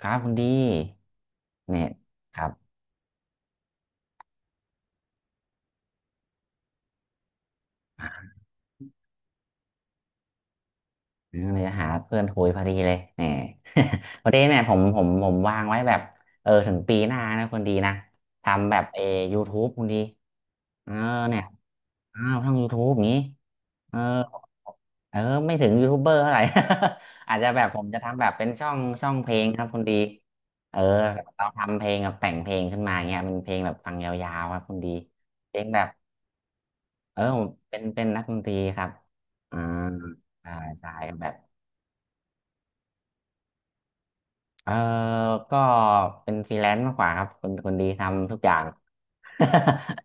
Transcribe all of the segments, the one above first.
ครับคุณดีเนี่ยครับอ่าเลยหาเพื่อนคุยพอดีเลยเนี่ย พอดีเนี่ยผมวางไว้แบบเออถึงปีหน้านะคุณดีนะทำแบบเออ YouTube คุณดีเออเนี่ยอ้าวช่อง YouTube อย่างนี้เออเออไม่ถึงยูทูบเบอร์เท่าไหร่ อาจจะแบบผมจะทำแบบเป็นช่องเพลงครับคุณดีเออเราทำเพลงกับแต่งเพลงขึ้นมาอย่างเงี้ยเป็นเพลงแบบฟังยาวๆครับคุณดีเพลงแบบ เออผมเป็นนักดนตรีครับอ่าใช่ใช่แบบเออก็เป็นฟรีแลนซ์มากกว่าครับคนดีทำทุกอย่าง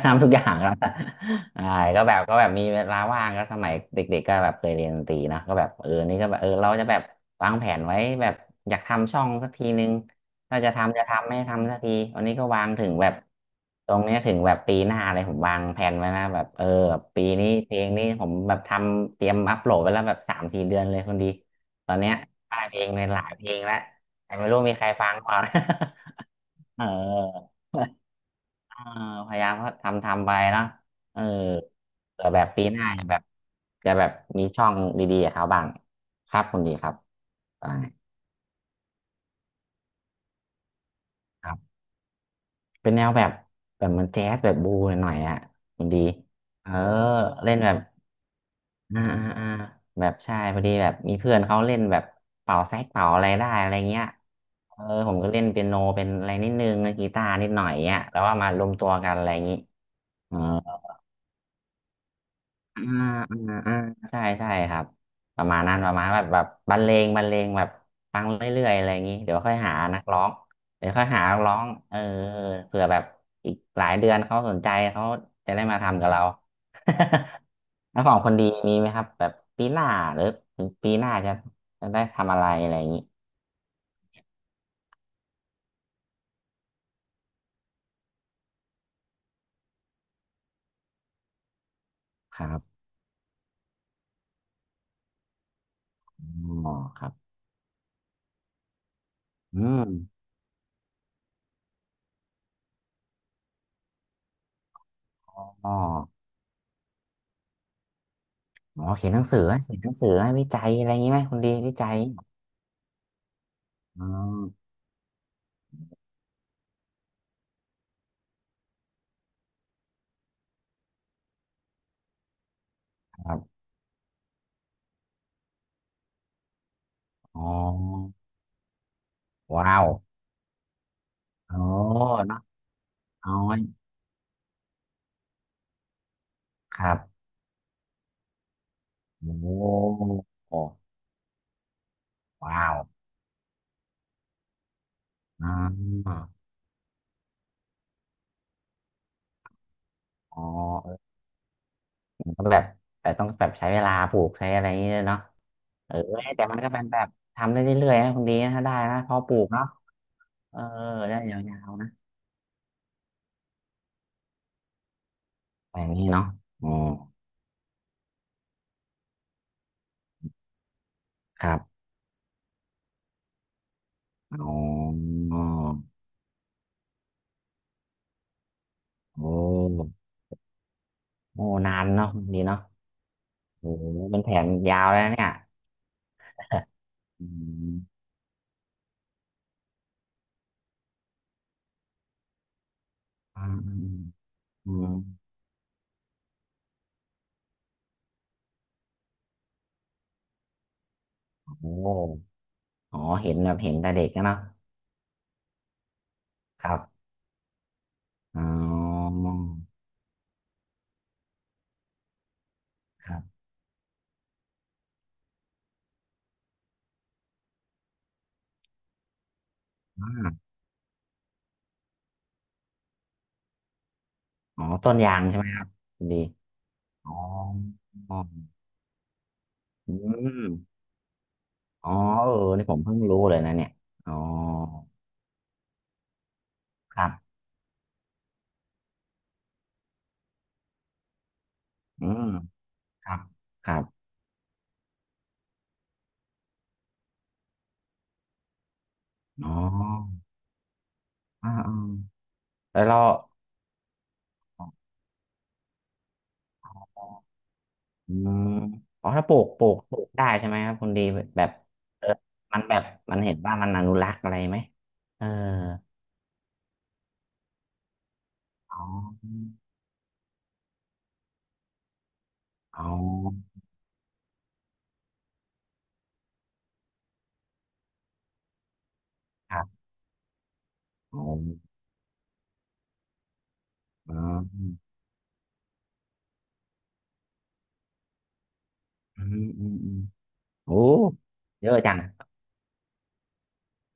ทำทุกอย่างครับ ใช่ก็แบบก็แบบมีเวลาว่างก็สมัยเด็กๆก็แบบเคยเรียนดนตรีนะก็แบบเออนี่ก็แบบเออเราจะแบบวางแผนไว้แบบอยากทำช่องสักทีนึงถ้าจะทำจะทำไม่ทำสักทีวันนี้ก็วางถึงแบบตรงเนี้ยถึงแบบปีหน้าเลยผมวางแผนไว้นะแบบเออแบบปีนี้เพลงนี้ผมแบบทำเตรียมอัปโหลดไว้แล้วแบบสามสี่เดือนเลยคนดีตอนเนี้ยได้เพลงในหลายเพลงแล้วแต่ไม่รู้มีใครฟังเปล่านะ เออ เออพยายามก็ทำไปเนาะเออเผื่อแบบปีหน้าแบบจะแบบมีช่องดีๆกับเขาบ้างครับคุณดีครับอ่ครับเป็นแนวแบบแบบเหมันแจ๊สแบบบูหน่อยๆอ่ะคุณดีเออเล่นแบบอ่าอ่าอ่าแบบใช่พอดีแบบมีเพื่อนเขาเล่นแบบเป่าแซกเป่าอะไรได้อะไรเงี้ยเออผมก็เล่นเปียโนเป็นอะไรนิดนึงเล่นกีตาร์นิดหน่อยเงี้ยแล้วว่ามารวมตัวกันอะไรอย่างงี้เออ อ่าอ่าอ่าใช่ใช่ครับประมาณนั้นประมาณแบบแบบบรรเลงบรรเลงแบบฟังเรื่อยๆอะไรอย่างนี้เดี๋ยวค่อยหานักร้องเดี๋ยวค่อยหานักร้องเออเผื่อแบบอีกหลายเดือนเขาสนใจเขาจะได้มาทำกับเรา แล้วของคนดีมีไหมครับแบบปีหน้าหรือถึงปีหน้าจะจะได้ทำอะไรอะไรอย่างนี้ครับอ๋อครับอืมอ๋ออ๋อเขียนหนังสือไหมเขียนหนังสือไหมวิจัยอะไรอย่างนี้ไหมคนดีวิจัยอ๋อครับอ๋อ ว้าวอ๋อเนาะอ๋อครับ โอ้โหว้าวอ๋ออ๋อเออมันก็แบบแต่ต้องแบบใช้เวลาปลูกใช้อะไรอย่างเงี้ยเนาะเออแต่มันก็เป็นแบบทำได้เรื่อยๆนะคุณดีนะถ้าได้นะพอปลูกเนาะเออได้ยาวๆนะแต่อย่างนี้เนาะอืมครับอ๋อโอ้โอ้นานเนาะคุณดีเนาะโอ้หเป็นแผนยาวแล้วเนี่ยอืมอืมอืมอืมโอ้ อ๋อเห็นแบบเห็นแต่เด็กนะเนาะครับอ๋อครับอ่าอ๋อต้นยางใช่ไหมครับคุณดีอ๋ออ๋ออืมอ๋อเออนี่ผมเพิ่งรู้เลยนะเนี่ยอ๋อครับอืมครับครับอ๋ออ่าอ่าแล้วเราอืมอ๋อถ้าปลูกได้ใช่ไหมครับคุณดีแบบเออมันแบบมันเห็นว่ามันอนุรักษ์อะไรไหมเอออ๋ออ๋อครับอ๋อ อ๋ออืมอืมอืมโอ้เยอะจัง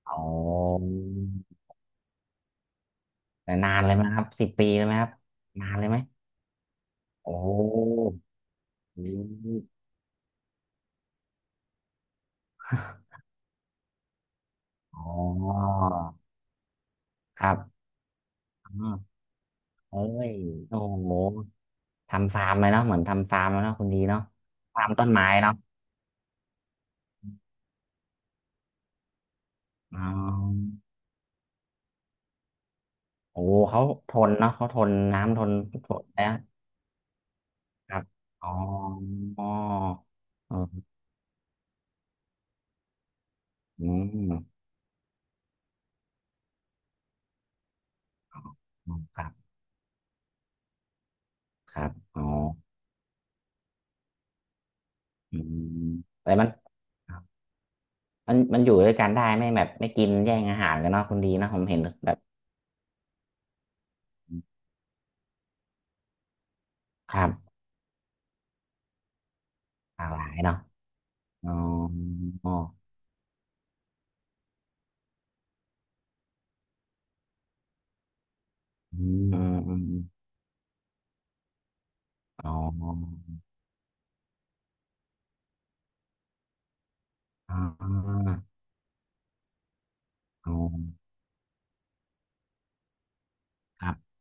อ๋อแต่นานเลยไหมครับสิบปีเลยไหมครับนานเลยไหมโอ้อือ๋อครับอืมเอ้ยโอ้โหทำฟาร์มเลยเนาะเหมือนทำฟาร์มแล้วเนาะคุณดีเนาะฟาร์มต้นไม้เนาะอ๋อโอ้โหเขาทนเนาะเขาทนน้ำทนนะครับอ๋ออ๋ออืมครับครับอ๋อ อืมแต่มันอยู่ด้วยกันได้ไม่แบบไม่กินแย่งอาหารกันเนาะคุณดีเนะผมเห็นแบบครับหลากหลายเนาะอ๋ออืมอืมอืมอ๋ออ๋ออ๋อครับ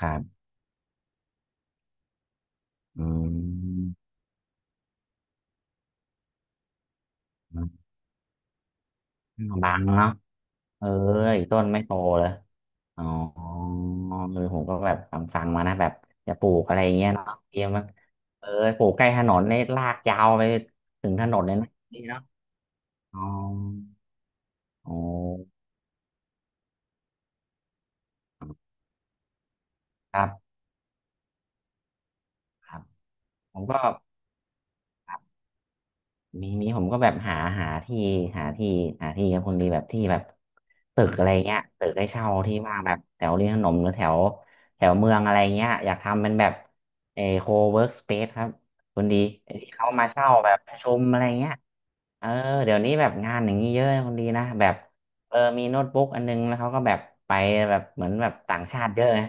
ครับอืมอืมบังเนาะเอ้ยต้นไม่โตเลยอ๋อเออผมก็แบบฟังมานะแบบจะปลูกอะไรอย่างเงี้ยเนาะเตรียมมันเออปลูกใกล้ถนนเนี่ยลากยาวไปถึงถนนเลยนะ อ๋อโอ้ครับครับผมก็ มีผมก็แบบหาหาที่หาที่หาที่ครับคนดีแบบที่แบบตึกอะไรเงี้ยตึกให้เช่าที่ว่างแบบแถวริมถนนหรือแถวแถวเมืองอะไรเงี้ยอยากทำเป็นแบบเอโคเวิร์กสเปซครับคนดีที่เขามาเช่าแบบประชุมอะไรเงี้ยเออเดี๋ยวนี้แบบงานอย่างนี้เยอะนะคนดีนะแบบเออมีโน้ตบุ๊กอันนึงแล้วเขาก็แบบไปแบบเหมือนแบบต่างชาติเยอะนะ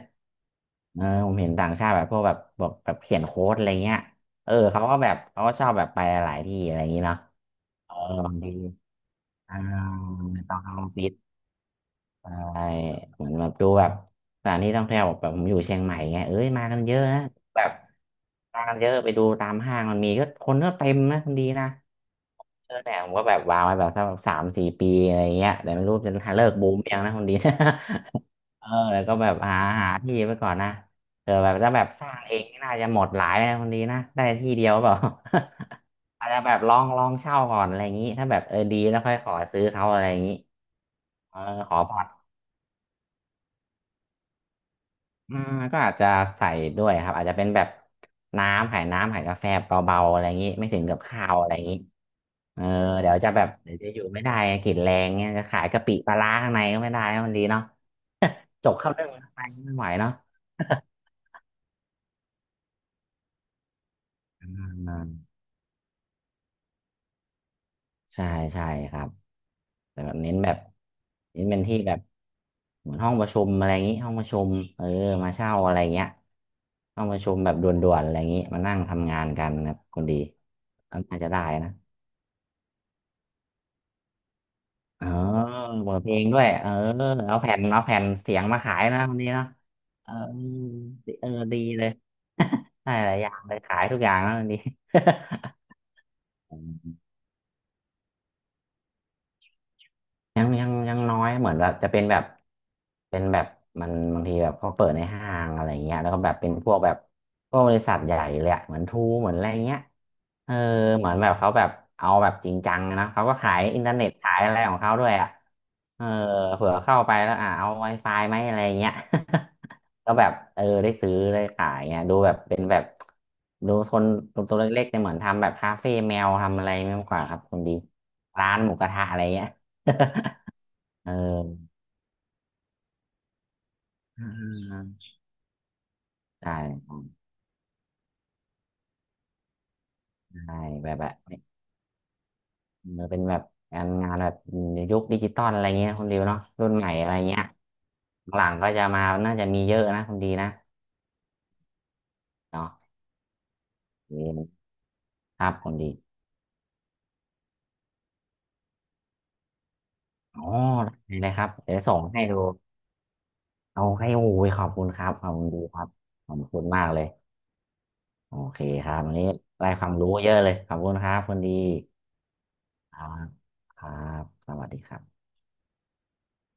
เออผมเห็นต่างชาติแบบพวกแบบแบบแบบเขียนโค้ดอะไรเงี้ย เขาก็แบบเขาก็ชอบแบบไปหลายที่อะไรอย่างนี้เนาะเออบางทีอ่าไม่ต้องเข้าออฟฟิศไปเหมือนแบบดูแบบสถานที่ท่องเที่ยวแบบผมอยู่เชียงใหม่ไงเอ้ยมากันเยอะนะแบบมากันเยอะไปดูตามห้างมันมีก็คนก็เต็มนะคนดีนะแต่ผมก็แบบวางไว้แบบสักแบบสามสี่ปีอะไรอย่างเงี้ยแต่ไม่รู้จะเลิกบูมยังนะคนดี แล้วก็แบบหาที่ไปก่อนนะแบบถ้าแบบสร้างเองนี่น่าจะหมดหลายนะคนดีนะได้ที่เดียวเปล่า อาจจะแบบลองเช่าก่อนอะไรอย่างนี้ถ้าแบบดีแล้วค่อยขอซื้อเขาอะไรอย่างนี้เออขอผอดอืมก็อาจจะใส่ด้วยครับอาจจะเป็นแบบน้ำขายกาแฟเบาๆอะไรอย่างนี้ไม่ถึงกับข้าวอะไรอย่างนี้เออเดี๋ยวจะแบบเดี๋ยวจะอยู่ไม่ได้ไงกลิ่นแรงเนี่ยจะขายกะปิปลาร้าข้างในก็ไม่ได้นะมันดีเนาะจกข้าวนึ่งข้างในไม่ไหวเนาะ ใช่ใช่ครับแต่แบบเน้นแบบเน้นเป็นที่แบบเหมือนห้องประชุมอะไรอย่างนี้ห้องประชุมเออมาเช่าอะไรเงี้ยห้องประชุมแบบด่วนๆอะไรอย่างนี้มานั่งทำงานกันครับคนดีก็น่าจะได้นะเออเปิดเพลงด้วยเอาแผ่นเสียงมาขายนะวันนี้เนาะเออเออดีเลย ได้หลายอย่างเลยขายทุกอย่างแล้ววันนี้ ยังยังน้อยเหมือนแบบจะเป็นแบบเป็นแบบมันบางทีแบบเขาเปิดในห้างอะไรเงี้ยแล้วก็แบบเป็นพวกแบบพวกบริษัทใหญ่เลยอะเหมือนทรูเหมือนอะไรเงี้ยเออเหมือนแบบเขาแบบเอาแบบจริงจังนะเขาก็ขายอินเทอร์เน็ตขายอะไรของเขาด้วยอะเออเผื่อเข้าไปแล้วอ่ะเอา Wi-Fi ไหมอะไรเงี้ย ก็แบบได้ซื้อได้ขายเงี้ยดูแบบเป็นแบบดูคนตัวเล็กๆเนี่ยเหมือนทำแบบคาเฟ่แมวทำอะไรไม่มากกว่าครับคุณดีร้านหมูกระทะอะไรเงี้ย เอออ่าใช่ใช่แบบมันเป็นแบบงานแบบยุคดิจิตอลอะไรเงี้ยคุณดิวเนาะรุ่นใหม่อะไรเงี้ยหลังๆก็จะมาน่าจะมีเยอะนะคุณดีนะเนาะเออครับคุณดีอ๋อได้เลยครับเดี๋ยวส่งให้ดูเอาให้โอ้ยขอบคุณครับขอบคุณดีครับขอบคุณมากเลยโอเคครับวันนี้ได้ความรู้เยอะเลยขอบคุณครับคุณดีครับครับสวัสดีครับ